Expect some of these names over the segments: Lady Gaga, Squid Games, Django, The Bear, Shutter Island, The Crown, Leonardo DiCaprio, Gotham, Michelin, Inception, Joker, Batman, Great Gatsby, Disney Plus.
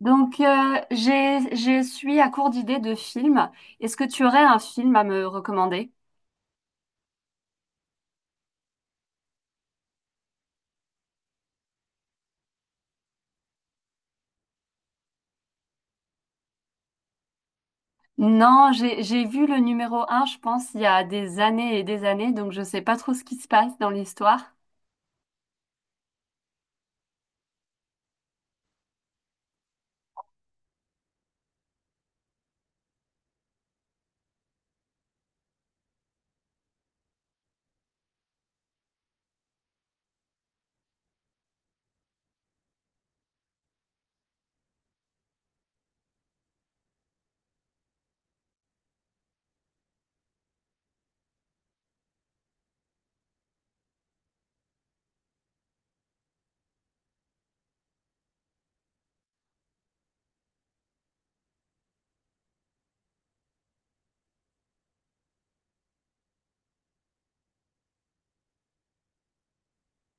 Je suis à court d'idées de films. Est-ce que tu aurais un film à me recommander? Non, j'ai vu le numéro un, je pense, il y a des années et des années, donc je sais pas trop ce qui se passe dans l'histoire.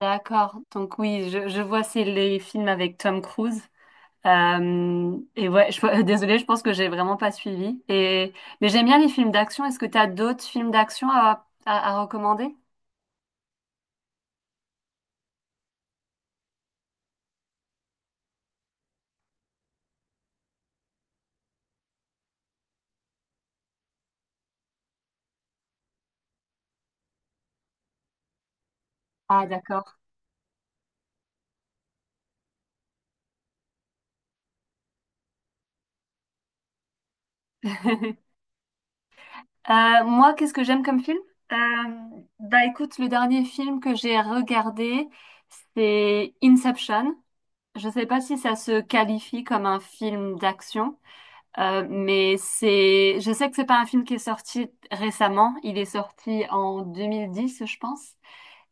D'accord. Donc oui, je vois, c'est les films avec Tom Cruise. Et ouais, je, désolée, je pense que j'ai vraiment pas suivi. Mais j'aime bien les films d'action. Est-ce que tu as d'autres films d'action à recommander? Ah, d'accord. Moi, qu'est-ce que j'aime comme film? Euh, Bah écoute, le dernier film que j'ai regardé, c'est Inception. Je ne sais pas si ça se qualifie comme un film d'action, mais c'est, je sais que c'est pas un film qui est sorti récemment. Il est sorti en 2010, je pense,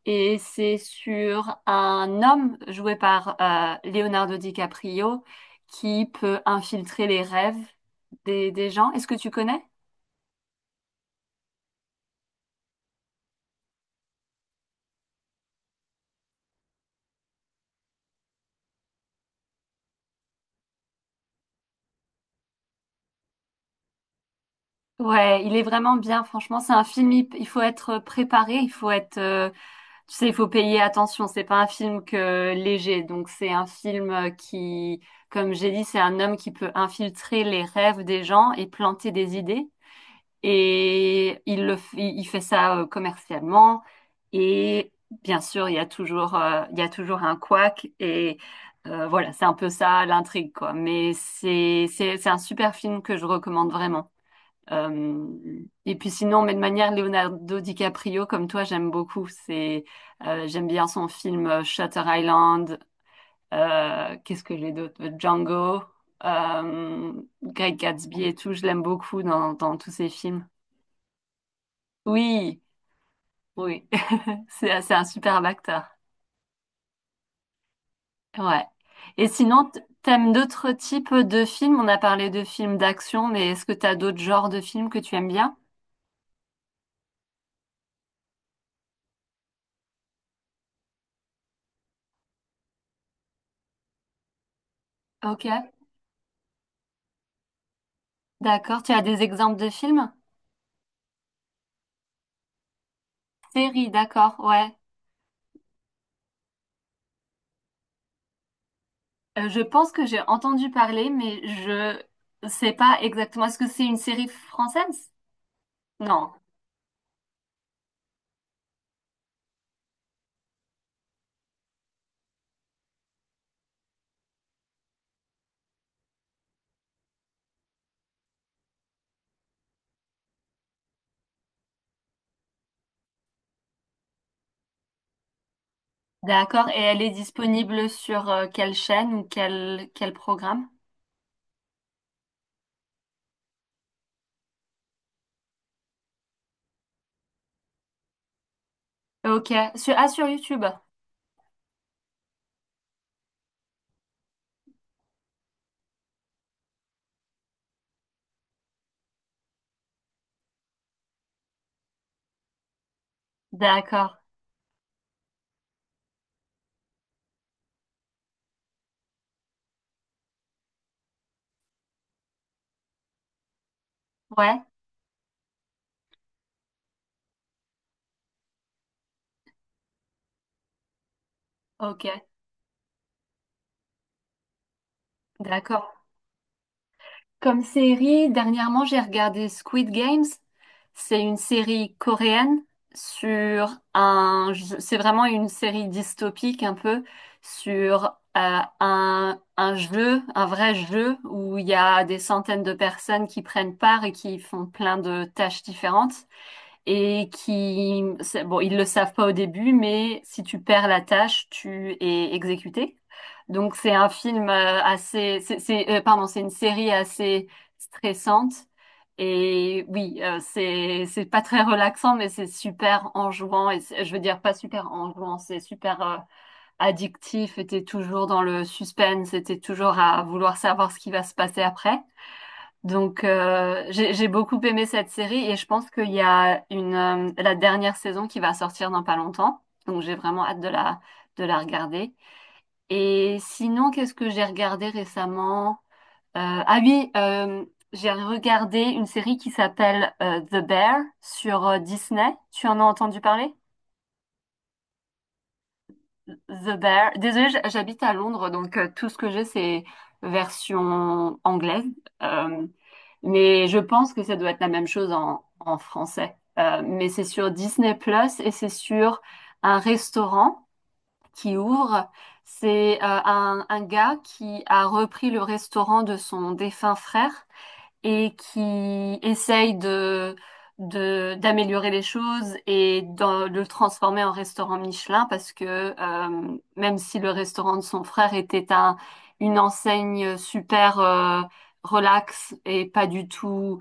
et c'est sur un homme joué par Leonardo DiCaprio qui peut infiltrer les rêves des gens. Est-ce que tu connais? Ouais, il est vraiment bien, franchement, c'est un film, il faut être préparé, tu sais, il faut payer attention, c'est pas un film que léger, donc c'est un film comme j'ai dit, c'est un homme qui peut infiltrer les rêves des gens et planter des idées, et il fait ça commercialement, et bien sûr, il y a toujours un couac, et voilà, c'est un peu ça l'intrigue, quoi, mais c'est un super film que je recommande vraiment. Euh, et puis sinon, mais de manière Leonardo DiCaprio, comme toi, j'aime beaucoup. J'aime bien son film Shutter Island. Qu'est-ce que j'ai d'autre? Django, euh, Great Gatsby et tout. Je l'aime beaucoup dans tous ses films. Oui, oui, c'est un superbe acteur. Ouais. Et sinon, t'aimes d'autres types de films? On a parlé de films d'action, mais est-ce que t'as d'autres genres de films que tu aimes bien? Ok, d'accord. Tu as des exemples de films? Série, d'accord, ouais. Je pense que j'ai entendu parler, mais je sais pas exactement. Est-ce que c'est une série française? Non. D'accord. Et elle est disponible sur quelle chaîne ou quel programme? Ok. Sur, ah, sur YouTube. D'accord. Ouais. Ok. D'accord. Comme série, dernièrement, j'ai regardé Squid Games. C'est une série coréenne sur un... C'est vraiment une série dystopique un peu sur un jeu, un vrai jeu où il y a des centaines de personnes qui prennent part et qui font plein de tâches différentes et qui... Bon, ils le savent pas au début, mais si tu perds la tâche, tu es exécuté. Donc c'est un film pardon, c'est une série assez stressante. Et oui, c'est pas très relaxant, mais c'est super enjouant. Et je veux dire pas super enjouant, c'est super addictif. Et t'es toujours dans le suspense, et t'es toujours à vouloir savoir ce qui va se passer après. Donc j'ai beaucoup aimé cette série et je pense qu'il y a une la dernière saison qui va sortir dans pas longtemps. Donc j'ai vraiment hâte de la regarder. Et sinon, qu'est-ce que j'ai regardé récemment? Euh, ah oui, euh, j'ai regardé une série qui s'appelle The Bear sur Disney. Tu en as entendu parler? The Bear. Désolée, j'habite à Londres, donc tout ce que j'ai, c'est version anglaise. Euh, mais je pense que ça doit être la même chose en français. Mais c'est sur Disney Plus et c'est sur un restaurant qui ouvre. C'est un gars qui a repris le restaurant de son défunt frère et qui essaye d'améliorer les choses et de le transformer en restaurant Michelin parce que même si le restaurant de son frère était un, une enseigne super relax et pas du tout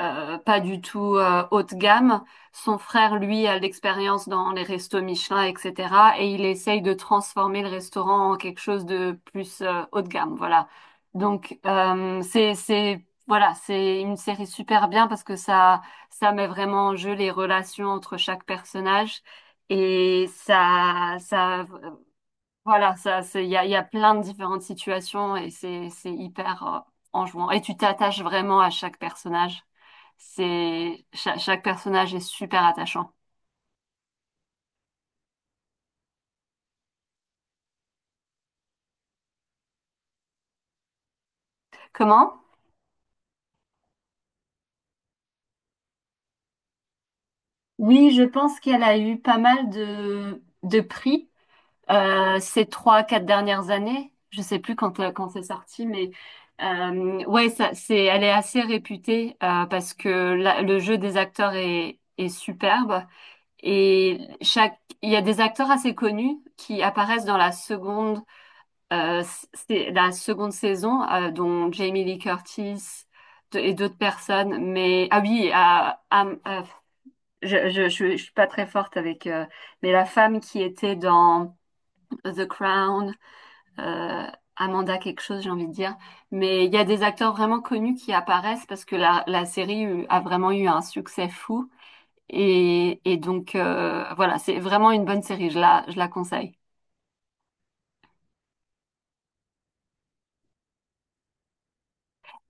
haut de gamme. Son frère, lui, a de l'expérience dans les restos Michelin, etc. Et il essaye de transformer le restaurant en quelque chose de plus haut de gamme. Voilà. Donc c'est voilà, c'est une série super bien parce que ça met vraiment en jeu les relations entre chaque personnage et ça ça voilà, ça, c'est, il y a plein de différentes situations et c'est hyper enjouant. Et tu t'attaches vraiment à chaque personnage. Chaque personnage est super attachant. Comment? Oui, je pense qu'elle a eu pas mal de prix ces trois, quatre dernières années. Je sais plus quand, quand c'est sorti, mais ouais, elle est assez réputée parce que le jeu des acteurs est superbe. Et il y a des acteurs assez connus qui apparaissent dans la seconde, euh, c'est la seconde saison, dont Jamie Lee Curtis et d'autres personnes. Mais ah oui, je suis pas très forte avec, mais la femme qui était dans The Crown, euh, Amanda quelque chose, j'ai envie de dire. Mais il y a des acteurs vraiment connus qui apparaissent parce que la série a vraiment eu un succès fou. Et donc, voilà, c'est vraiment une bonne série, je la conseille.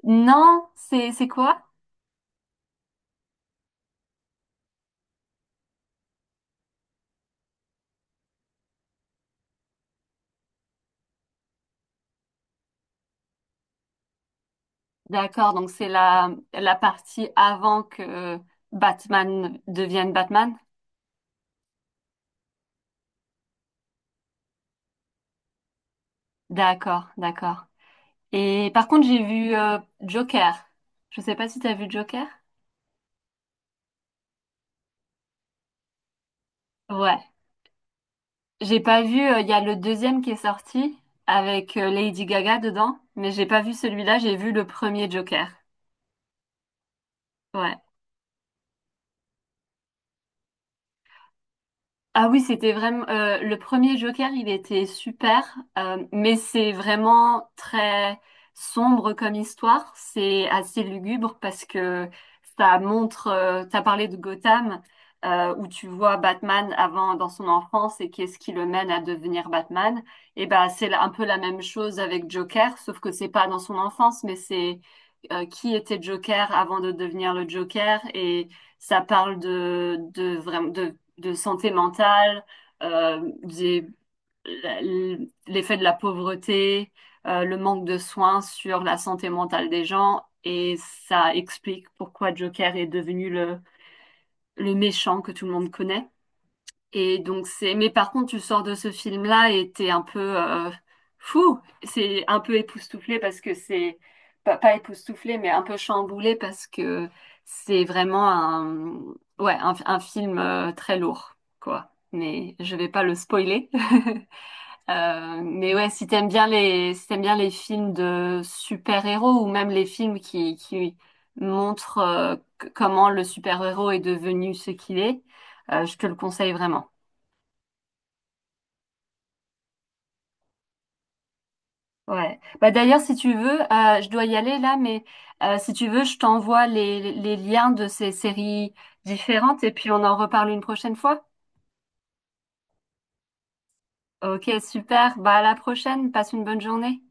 Non, c'est quoi? D'accord, donc c'est la partie avant que Batman devienne Batman. D'accord, d'accord. Et par contre, j'ai vu Joker. Je sais pas si t'as vu Joker? Ouais. J'ai pas vu, il y a le deuxième qui est sorti avec Lady Gaga dedans, mais j'ai pas vu celui-là, j'ai vu le premier Joker. Ouais. Ah oui, c'était vraiment le premier Joker, il était super, mais c'est vraiment très sombre comme histoire. C'est assez lugubre parce que ça montre. T'as parlé de Gotham, où tu vois Batman avant dans son enfance et qu'est-ce qui le mène à devenir Batman. Et ben c'est un peu la même chose avec Joker, sauf que c'est pas dans son enfance, mais c'est qui était Joker avant de devenir le Joker et ça parle de vraiment de santé mentale, euh, des- l'effet de la pauvreté, le manque de soins sur la santé mentale des gens, et ça explique pourquoi Joker est devenu le méchant que tout le monde connaît. Et donc mais par contre, tu sors de ce film-là et t'es un peu fou. C'est un peu époustouflé parce que c'est pas, pas époustouflé, mais un peu chamboulé parce que c'est vraiment ouais, un film très lourd, quoi. Mais je vais pas le spoiler. Mais ouais, si t'aimes bien les films de super-héros ou même les films qui montrent comment le super-héros est devenu ce qu'il est, je te le conseille vraiment. Ouais. Bah d'ailleurs, si tu veux, je dois y aller là, mais si tu veux, je t'envoie les liens de ces séries différentes et puis on en reparle une prochaine fois. Ok, super. Bah à la prochaine. Passe une bonne journée.